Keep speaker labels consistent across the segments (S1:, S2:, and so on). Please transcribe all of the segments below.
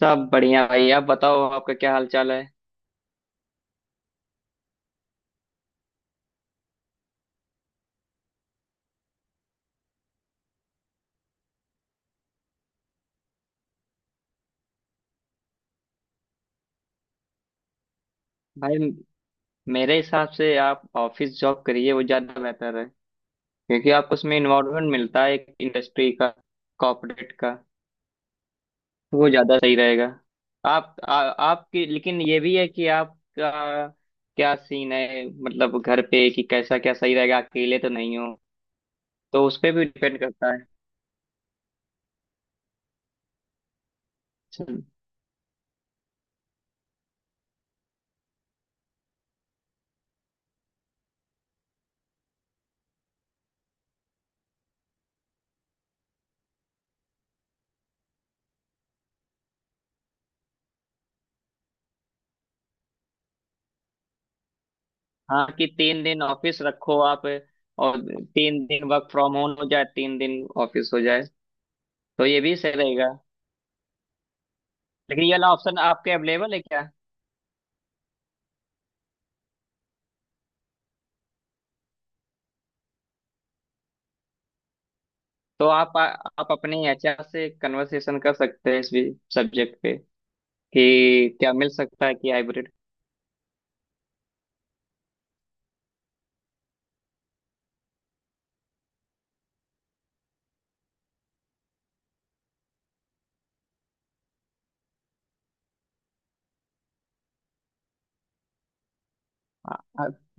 S1: सब बढ़िया भाई। आप बताओ, आपका क्या हाल चाल है। भाई, मेरे हिसाब से आप ऑफिस जॉब करिए, वो ज्यादा बेहतर है। क्योंकि आपको उसमें इन्वॉल्वमेंट मिलता है एक इंडस्ट्री का, कॉर्पोरेट का। वो ज्यादा सही रहेगा। आप आ, आपकी लेकिन ये भी है कि आपका क्या सीन है, मतलब घर पे कि कैसा क्या सही रहेगा, अकेले तो नहीं हो। तो उस पे भी डिपेंड करता है। हम्म। हाँ कि 3 दिन ऑफिस रखो आप, और 3 दिन वर्क फ्रॉम होम हो जाए, 3 दिन ऑफिस हो जाए, तो ये भी सही रहेगा। लेकिन ये वाला ऑप्शन आपके अवेलेबल है क्या? तो आप अपने एचआर से कन्वर्सेशन कर सकते हैं इस भी सब्जेक्ट पे कि क्या मिल सकता है, कि हाइब्रिड।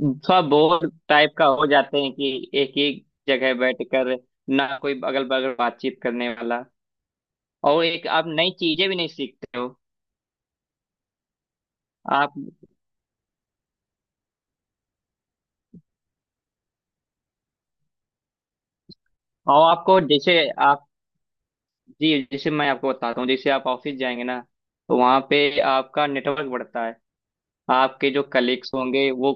S1: थोड़ा बोर टाइप का हो जाते हैं कि एक ही जगह बैठकर, ना कोई अगल बगल बातचीत करने वाला, और एक आप नई चीजें भी नहीं सीखते हो। आप, और आपको जैसे, आप जी जैसे मैं आपको बताता हूँ, जैसे आप ऑफिस जाएंगे ना तो वहाँ पे आपका नेटवर्क बढ़ता है। आपके जो कलीग्स होंगे वो,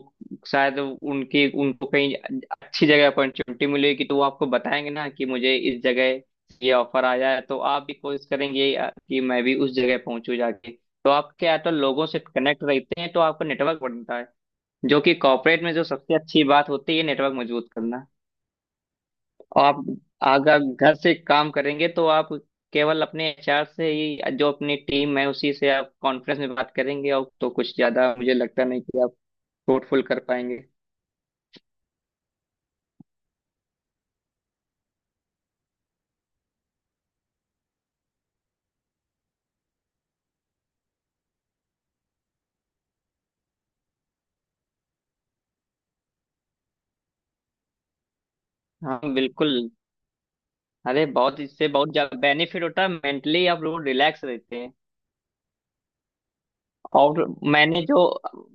S1: शायद उनकी उनको कहीं अच्छी जगह अपॉर्चुनिटी मिलेगी तो वो आपको बताएंगे ना कि मुझे इस जगह ये ऑफर आया है, तो आप भी कोशिश करेंगे कि मैं भी उस जगह पहुंचू जाके। तो आप क्या है तो लोगों से कनेक्ट रहते हैं तो आपका नेटवर्क बनता है। जो कि कॉर्पोरेट में जो सबसे अच्छी बात होती है, नेटवर्क मजबूत करना। और आप अगर घर से काम करेंगे तो आप केवल अपने एचआर से ही, जो अपनी टीम है उसी से आप कॉन्फ्रेंस में बात करेंगे, और तो कुछ ज्यादा मुझे लगता नहीं कि फ्रूटफुल कर पाएंगे। हाँ बिल्कुल। अरे बहुत, इससे बहुत ज्यादा बेनिफिट होता है। मेंटली आप लोग रिलैक्स रहते हैं। और मैंने जो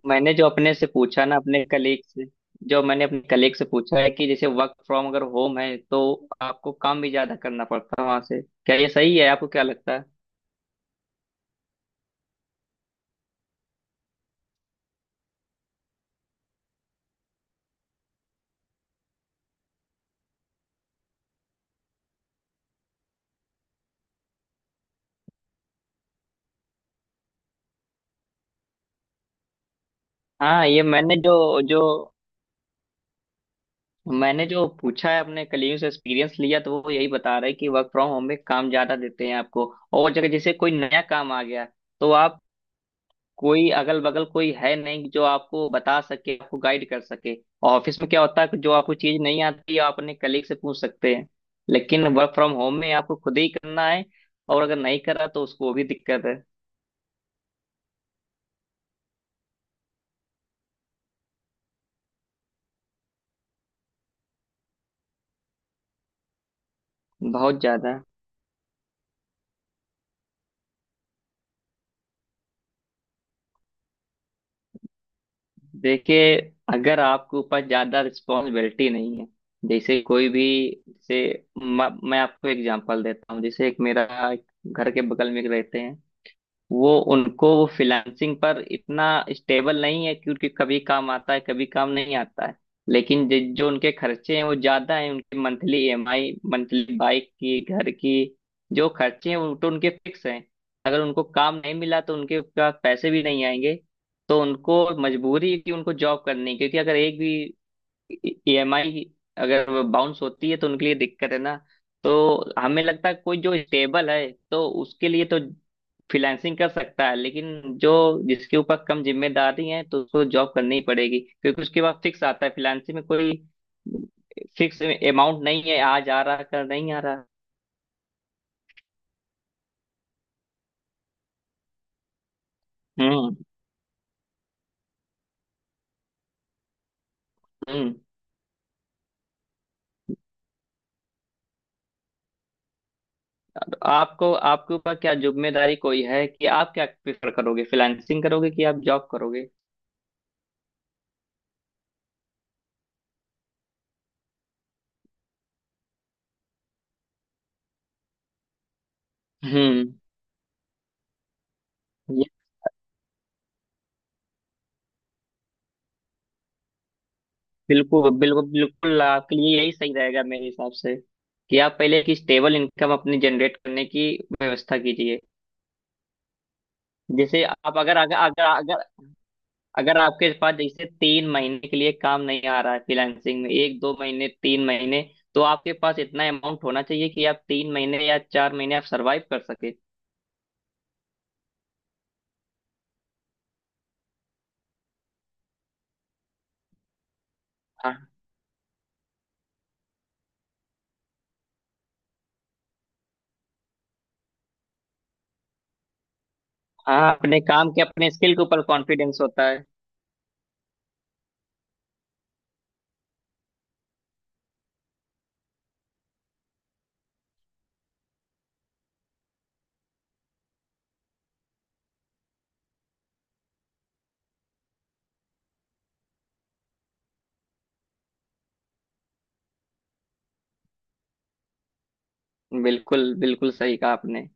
S1: मैंने जो अपने से पूछा ना अपने कलीग से, जो मैंने अपने कलीग से पूछा है कि जैसे वर्क फ्रॉम अगर होम है तो आपको काम भी ज्यादा करना पड़ता है वहां से, क्या ये सही है, आपको क्या लगता है? हाँ, ये मैंने जो जो मैंने जो पूछा है अपने कलीग से एक्सपीरियंस लिया, तो वो यही बता रहे हैं कि वर्क फ्रॉम होम में काम ज्यादा देते हैं आपको। और जगह जैसे कोई नया काम आ गया तो आप, कोई अगल बगल कोई है नहीं जो आपको बता सके, आपको गाइड कर सके। ऑफिस में क्या होता है कि जो आपको चीज नहीं आती आप अपने कलीग से पूछ सकते हैं, लेकिन वर्क फ्रॉम होम में आपको खुद ही करना है। और अगर नहीं करा तो उसको भी दिक्कत है। बहुत ज्यादा। देखिए, अगर आपके ऊपर ज्यादा रिस्पॉन्सिबिलिटी नहीं है, जैसे कोई भी, जैसे मैं आपको एग्जांपल देता हूँ, जैसे एक मेरा, एक घर के बगल में एक रहते हैं, वो उनको वो फ्रीलांसिंग पर इतना स्टेबल नहीं है, क्योंकि कभी काम आता है कभी काम नहीं आता है। लेकिन जो उनके खर्चे हैं वो ज्यादा हैं, उनकी मंथली ईएमआई, मंथली बाइक की, घर की, जो खर्चे हैं वो तो उनके फिक्स हैं। अगर उनको काम नहीं मिला तो उनके पास पैसे भी नहीं आएंगे। तो उनको मजबूरी है कि उनको जॉब करनी है, क्योंकि अगर एक भी ईएमआई अगर बाउंस होती है तो उनके लिए दिक्कत है ना। तो हमें लगता है कोई जो स्टेबल है तो उसके लिए तो फ्रीलांसिंग कर सकता है। लेकिन जो जिसके ऊपर कम जिम्मेदारी है तो उसको जॉब करनी ही पड़ेगी, क्योंकि उसके पास फिक्स आता है, फ्रीलांसिंग में कोई फिक्स अमाउंट नहीं है, आज आ रहा कल नहीं आ रहा। हम्म हम्म। तो आपको आपके ऊपर क्या जिम्मेदारी कोई है, कि आप क्या प्रेफर करोगे, फ्रीलांसिंग करोगे कि आप जॉब करोगे? हम्म। बिल्कुल बिल्कुल बिल्कुल, आपके लिए यही सही रहेगा मेरे हिसाब से। कि आप पहले एक स्टेबल इनकम अपनी जनरेट करने की व्यवस्था कीजिए। जैसे आप अगर अगर अगर अगर अगर आपके पास जैसे 3 महीने के लिए काम नहीं आ रहा है फ्रीलांसिंग में, एक दो महीने, 3 महीने, तो आपके पास इतना अमाउंट होना चाहिए कि आप 3 महीने या 4 महीने आप सरवाइव कर सके। हाँ। हाँ, अपने काम के अपने स्किल के ऊपर कॉन्फिडेंस होता है। बिल्कुल बिल्कुल सही कहा आपने।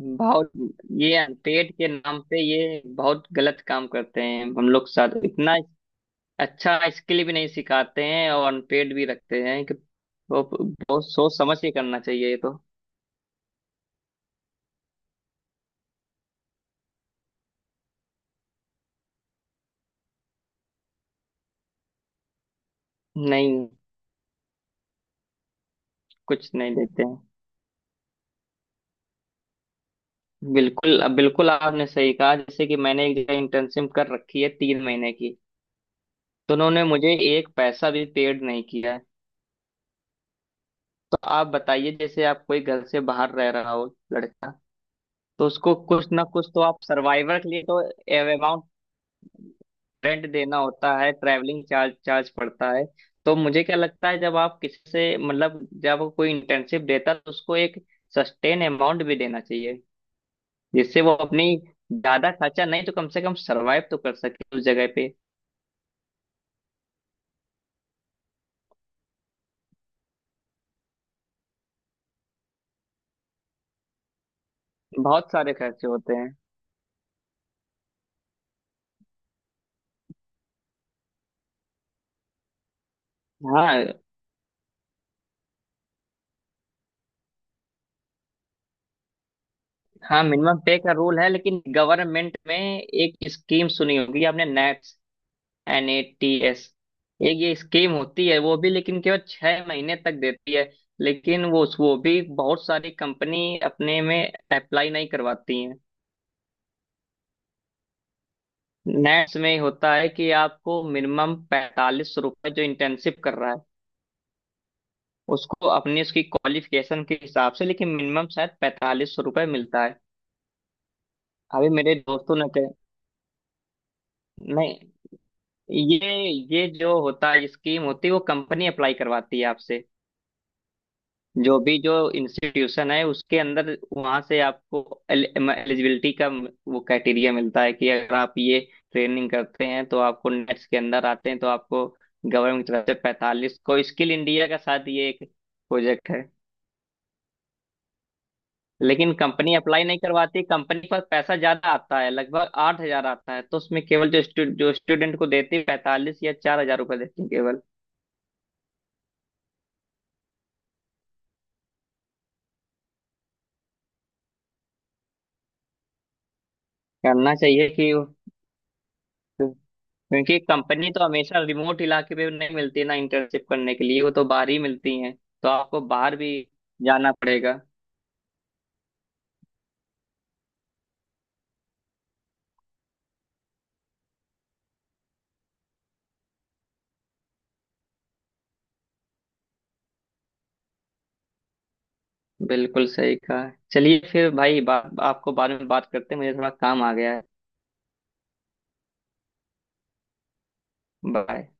S1: बहुत, ये पेट के नाम पे ये बहुत गलत काम करते हैं। हम लोग साथ इतना अच्छा स्किल भी नहीं सिखाते हैं और अनपेड भी रखते हैं कि, वो बहुत सोच समझ के करना चाहिए ये तो। नहीं, कुछ नहीं देते हैं। बिल्कुल, अब बिल्कुल आपने सही कहा। जैसे कि मैंने एक जगह इंटर्नशिप कर रखी है, 3 महीने की। तो उन्होंने मुझे एक पैसा भी पेड नहीं किया है। तो आप बताइए, जैसे आप कोई घर से बाहर रह रहा हो, लड़का, तो उसको कुछ ना कुछ तो आप सर्वाइवर के लिए तो अमाउंट, रेंट देना होता है, ट्रैवलिंग चार्ज चार्ज पड़ता है। तो मुझे क्या लगता है, जब आप किसी से, मतलब जब कोई इंटर्नशिप देता है तो उसको एक सस्टेन अमाउंट भी देना चाहिए, जिससे वो अपनी ज्यादा खर्चा नहीं तो कम से कम सरवाइव तो कर सके उस जगह पे। बहुत सारे खर्चे होते हैं। हाँ। हाँ मिनिमम पे का रूल है, लेकिन गवर्नमेंट में एक स्कीम सुनी होगी आपने, NAPS, N A T S. एक ये स्कीम होती है वो भी, लेकिन केवल 6 महीने तक देती है। लेकिन वो भी बहुत सारी कंपनी अपने में अप्लाई नहीं करवाती हैं। नेट्स में होता है कि आपको मिनिमम 45 रुपए, जो इंटर्नशिप कर रहा है उसको, अपनी उसकी क्वालिफिकेशन के हिसाब से, लेकिन मिनिमम शायद 45 रुपए मिलता है। अभी मेरे दोस्तों ने कह नहीं, ये ये जो होता है स्कीम होती है, वो कंपनी अप्लाई करवाती है आपसे। जो भी जो इंस्टीट्यूशन है उसके अंदर वहां से आपको एलिजिबिलिटी का वो क्राइटेरिया मिलता है, कि अगर आप ये ट्रेनिंग करते हैं तो आपको नेट्स के अंदर आते हैं तो आपको गवर्नमेंट की तरफ से पैंतालीस को, स्किल इंडिया का साथ ये एक प्रोजेक्ट है। लेकिन कंपनी अप्लाई नहीं करवाती। कंपनी पर पैसा ज्यादा आता है, लगभग 8 हज़ार आता है, तो उसमें केवल जो जो स्टूडेंट को देती है 45 या 4 हज़ार रुपये देती है केवल। करना चाहिए कि, क्योंकि कंपनी तो हमेशा रिमोट इलाके पे नहीं मिलती ना इंटर्नशिप करने के लिए, वो तो बाहर ही मिलती हैं, तो आपको बाहर भी जाना पड़ेगा। बिल्कुल सही कहा। चलिए फिर भाई आपको बाद में बात करते हैं, मुझे थोड़ा काम आ गया है। बाय।